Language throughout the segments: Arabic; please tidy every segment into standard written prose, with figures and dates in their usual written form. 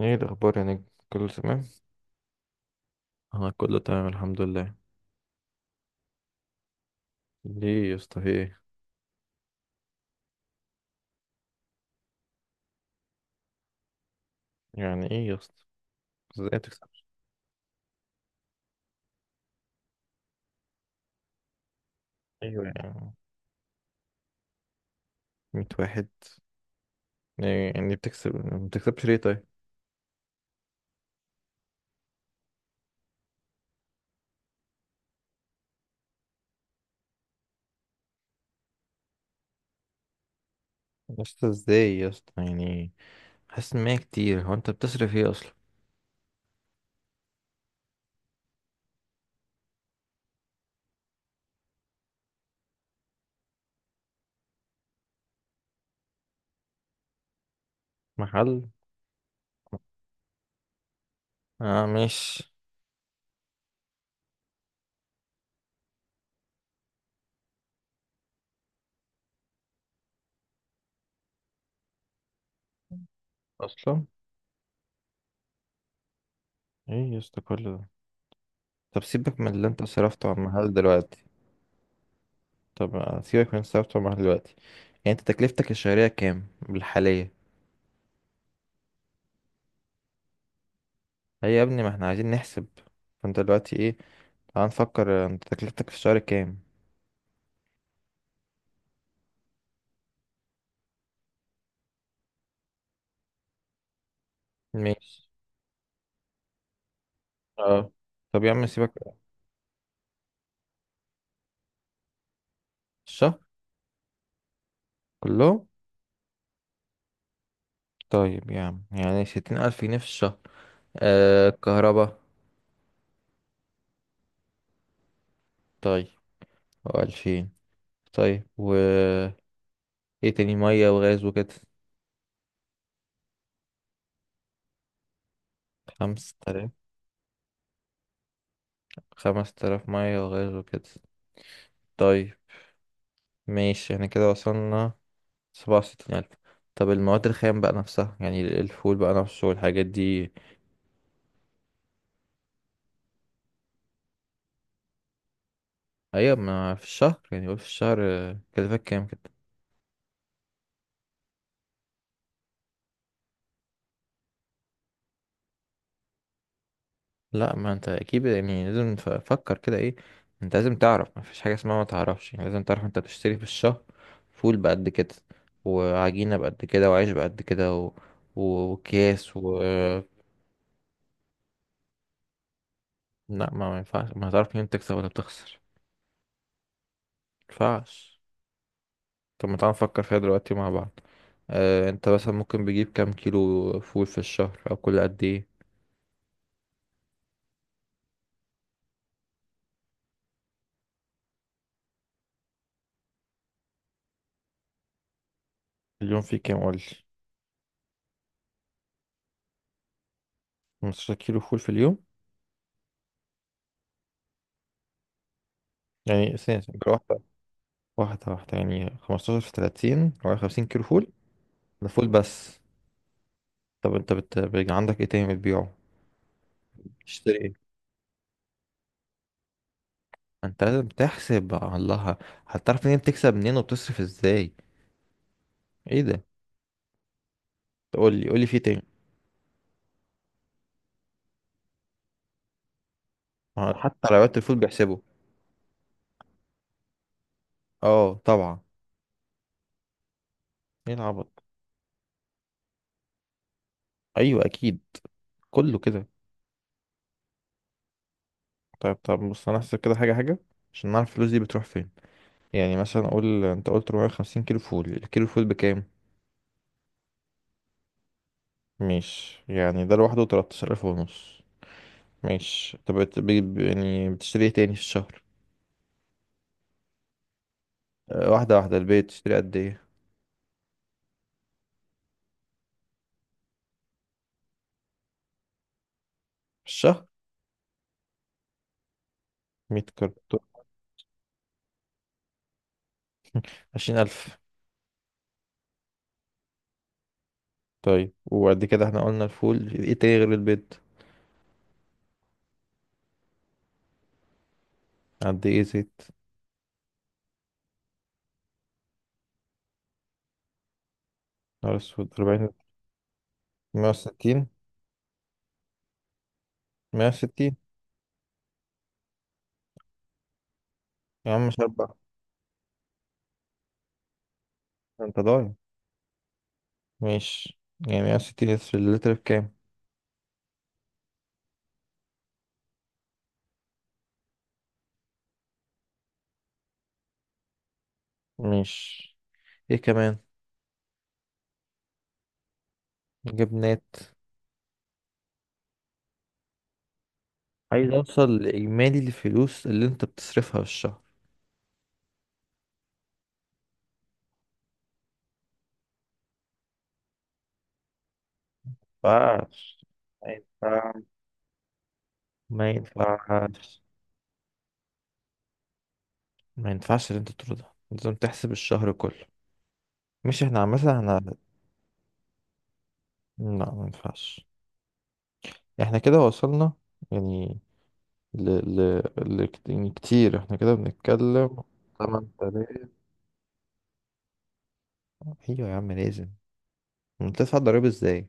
ايه الاخبار يا نجم؟ كله تمام، انا كله تمام الحمد لله. ليه يا اسطى؟ في ايه؟ يعني ايه يا اسطى؟ ازاي تكسب؟ ايوه يعني. 100 واحد؟ إيه يعني بتكسب ما بتكسبش ليه طيب؟ يا اسطى ازاي يا اسطى يعني؟ حاسس ان هي كتير، هو انت بتصرف ايه اصلا؟ محل؟ اه مش اصلا. ايه يا اسطى كل ده؟ طب سيبك من اللي انت صرفته على المحل دلوقتي. طب سيبك من اللي انت صرفته على المحل دلوقتي. يعني انت تكلفتك الشهرية كام بالحالية؟ هي يا ابني ما احنا عايزين نحسب. فانت دلوقتي ايه؟ تعال نفكر. انت تكلفتك في الشهر كام؟ ماشي. اه طب يا عم سيبك. الشهر كله؟ طيب يا عم يعني ستين ألف جنيه في الشهر. آه كهربا. طيب. وألفين. طيب و ايه تاني؟ مية وغاز وكده؟ خمس تلاف. خمس تلاف مية وغاز وكده. طيب ماشي، احنا كده وصلنا سبعة وستين ألف. طب المواد الخام بقى نفسها، يعني الفول بقى نفسه والحاجات دي؟ أيوة، ما في الشهر يعني، قول في الشهر، كلفك كام كده؟ لا ما انت اكيد يعني لازم فكر كده. ايه؟ انت لازم تعرف، ما فيش حاجه اسمها ما تعرفش، يعني لازم تعرف انت بتشتري في الشهر فول بقد كده وعجينه بقد كده وعيش بقد كده وكياس و... لا ما ينفعش، ما هتعرف منين تكسب ولا بتخسر؟ ما ينفعش. طب ما تعال نفكر فيها دلوقتي مع بعض. اه انت مثلا ممكن بيجيب كام كيلو فول في الشهر او كل قد ايه؟ اليوم فيه كام قول لي. 15 كيلو فول في اليوم؟ يعني سنة. واحدة واحدة يعني 15 في 30 و 50 كيلو فول. ده فول بس؟ طب انت بيبقى عندك ايه تاني بتبيعه. تشتري ايه؟ انت لازم تحسب بقى. الله. هتعرف منين بتكسب منين وبتصرف ازاي؟ ايه ده؟ تقول لي، قول لي في تاني. ما حتى على وقت الفول بيحسبه. اه طبعا. ايه العبط؟ ايوه اكيد. كله كده. طيب طب بص، انا هحسب كده حاجة حاجة عشان نعرف الفلوس دي بتروح فين. يعني مثلا اقول انت قلت 450 كيلو فول، الكيلو فول بكام؟ مش يعني ده لوحده 13000 ونص؟ ماشي. طب يعني بتشتري ايه تاني في الشهر؟ واحدة واحدة. البيت تشتري قد ايه؟ في الشهر؟ مية كرتون. عشرين ألف. طيب، وقد كده احنا قلنا الفول، ايه تاني غير البيت؟ قد ايه زيت؟ نهار أسود، أربعين؟ مية وستين. مية وستين. يا عم مش أربعة؟ أنت ضايع. ماشي. يعني مية وستين لتر، اللتر بكام؟ ماشي، ايه كمان؟ جبنات؟ عايز أوصل لإجمالي الفلوس اللي أنت بتصرفها في الشهر. مينفعش. ما ينفعش. ما ينفعش. ما ينفعش اللي انت تقوله ده، لازم تحسب الشهر كله. مش احنا عامة احنا... لا ما ينفعش. احنا كده وصلنا يعني ل... يعني كتير احنا كده بنتكلم. 8000. ايوه يا عم لازم. انت تدفع ضريبة ازاي انت؟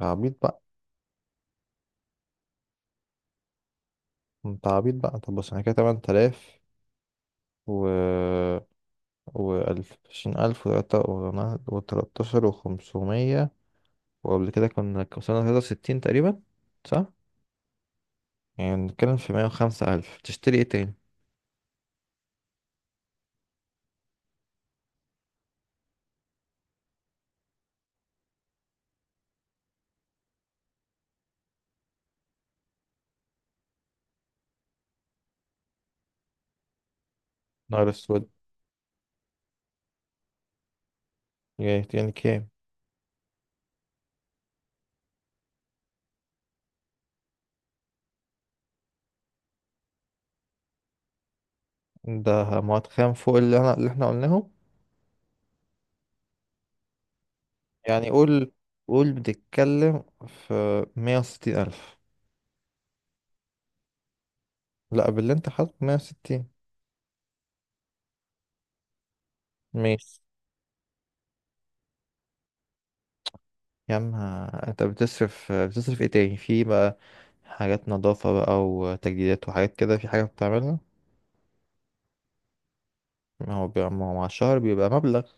عبيط بقى. انت عبيط بقى. طب بص احنا كده 8000 و... وألف، عشرين ألف، وتلاتة وتلاتاشر وخمسمية، وقبل كده كنا وصلنا تلاتة وستين تقريبا. صح؟ يعني بنتكلم في مية وخمسة ألف. تشتري ايه تاني؟ نهار اسود. يعني يعني كام؟ ده مواد خام فوق اللي اللي احنا قلناه. يعني قول، قول بتتكلم في مية وستين ألف. لا، باللي انت حاطه مية وستين. ماشي يا عم. انت بتصرف ايه تاني في بقى؟ حاجات نظافة بقى وتجديدات وحاجات كده، في حاجة بتعملها؟ ما هو بيبقى، ما هو مع الشهر بيبقى مبلغ.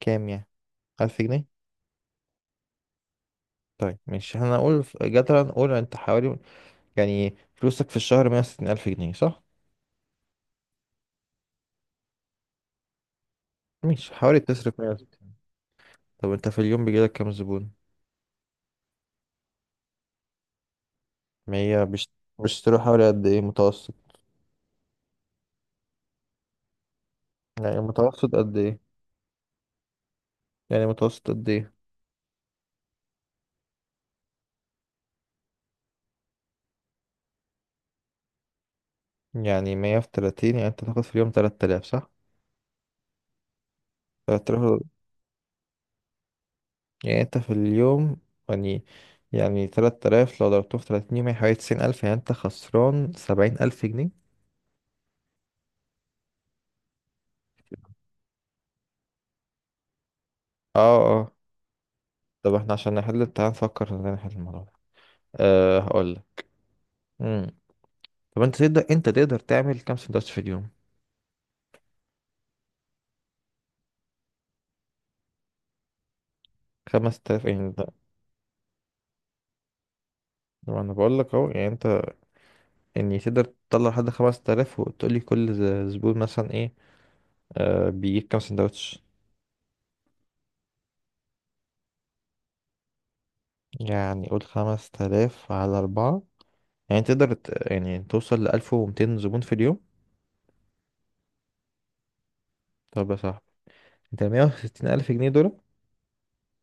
كام يعني؟ ألف جنيه؟ طيب ماشي، هنقول جدلا نقول انت حوالي، يعني فلوسك في الشهر مية وستين ألف جنيه صح؟ ماشي، حوالي تصرف مية. طب انت في اليوم بيجيلك كام زبون؟ ما هي بيشت- بيشتروا حوالي قد ايه متوسط؟ يعني متوسط قد ايه؟ يعني متوسط قد ايه؟ يعني مية في تلاتين، يعني انت تاخد في اليوم تلات آلاف صح؟ تلات آلاف. يعني انت في اليوم، يعني، يعني تلات آلاف لو ضربته في تلاتين يوم يعني حوالي تسعين ألف، يعني انت خسران سبعين ألف جنيه؟ اه اه. طب احنا عشان نحل، تعال نفكر ازاي نحل الموضوع ده. أه هقولك. مم. طب انت تقدر، انت تقدر تعمل كام سندوتش في اليوم؟ خمس تلاف يعني ده؟ ما انا بقولك اهو. يعني انت يعني تقدر تطلع لحد 5000 وتقولي كل زبون مثلا ايه، بيجيب كام سندوتش. يعني قول 5000 على أربعة، يعني تقدر يعني توصل لألف ومتين زبون في اليوم. طب يا صاحبي، انت مية وستين ألف جنيه دول،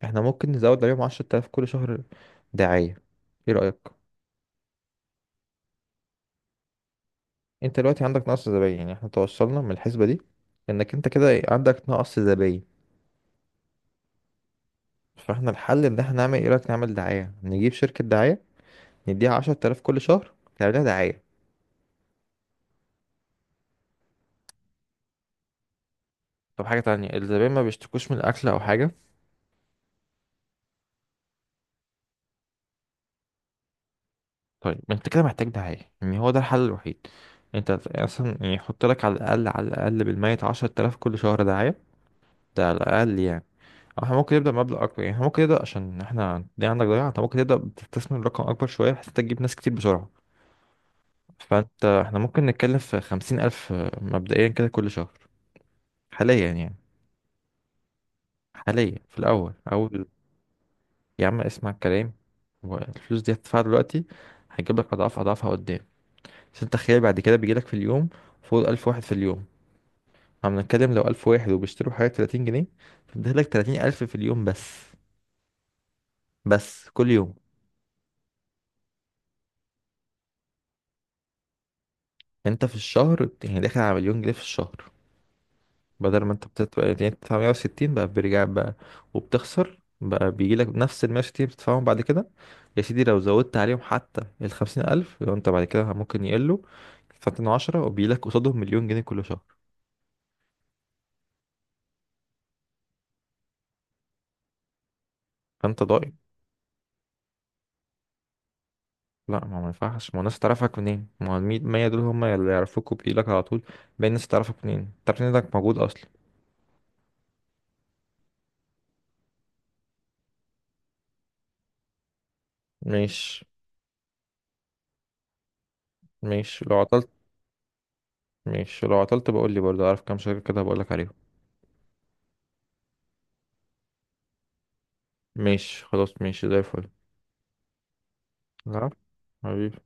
احنا ممكن نزود عليهم عشرة آلاف كل شهر دعاية. ايه رأيك؟ انت دلوقتي عندك نقص زباين، يعني احنا توصلنا من الحسبة دي انك انت كده عندك نقص زباين. فاحنا الحل ان احنا نعمل، ايه رأيك نعمل دعاية، نجيب شركة دعاية نديها عشرة آلاف كل شهر تعملها دعاية. طب حاجة تانية، الزبائن ما بيشتكوش من الأكل أو حاجة؟ طيب، ما أنت كده محتاج دعاية، يعني هو ده الحل الوحيد. أنت أصلا يعني يحط لك على الأقل، على الأقل بالميت عشرة آلاف كل شهر دعاية. ده على الأقل يعني. أو احنا ممكن نبدأ مبلغ أكبر، يعني احنا ممكن نبدأ عشان احنا دي عندك ضياع، أنت ممكن تبدأ بتستثمر رقم أكبر شوية بحيث أنت تجيب ناس كتير بسرعة. فأنت احنا ممكن نتكلم في خمسين ألف مبدئيا كده كل شهر، حاليا يعني، حاليا في الأول يا عم اسمع الكلام. والفلوس دي هتدفعها دلوقتي، هيجيب لك أضعاف أضعافها قدام. عشان تخيل بعد كده بيجيلك في اليوم فوق ألف واحد في اليوم. عم نتكلم لو ألف واحد وبيشتروا حاجة تلاتين جنيه، فبيديلك تلاتين ألف في اليوم بس، بس كل يوم. انت في الشهر يعني داخل على مليون جنيه في الشهر، بدل ما انت بتدفع، يعني بتدفع 160 بقى بيرجع بقى. وبتخسر بقى، بيجيلك نفس ال 160 اللي بتدفعهم بعد كده. يا سيدي لو زودت عليهم حتى ال 50000 لو انت بعد كده ممكن يقلوا فترة عشرة، وبيجيلك قصادهم مليون جنيه كل شهر. فانت ضايع. لا ما ينفعش، ما هو الناس تعرفك منين؟ ما هو المية مية دول هم اللي يعرفوك وبيجيلك على طول. باقي الناس تعرفك منين؟ تعرف إن انك موجود اصلا؟ ماشي. ماشي لو عطلت. ماشي لو عطلت بقول لي، برضه اعرف كام شركة كده بقول لك عليهم. ماشي خلاص، ماشي زي الفل. لا. حبيبي.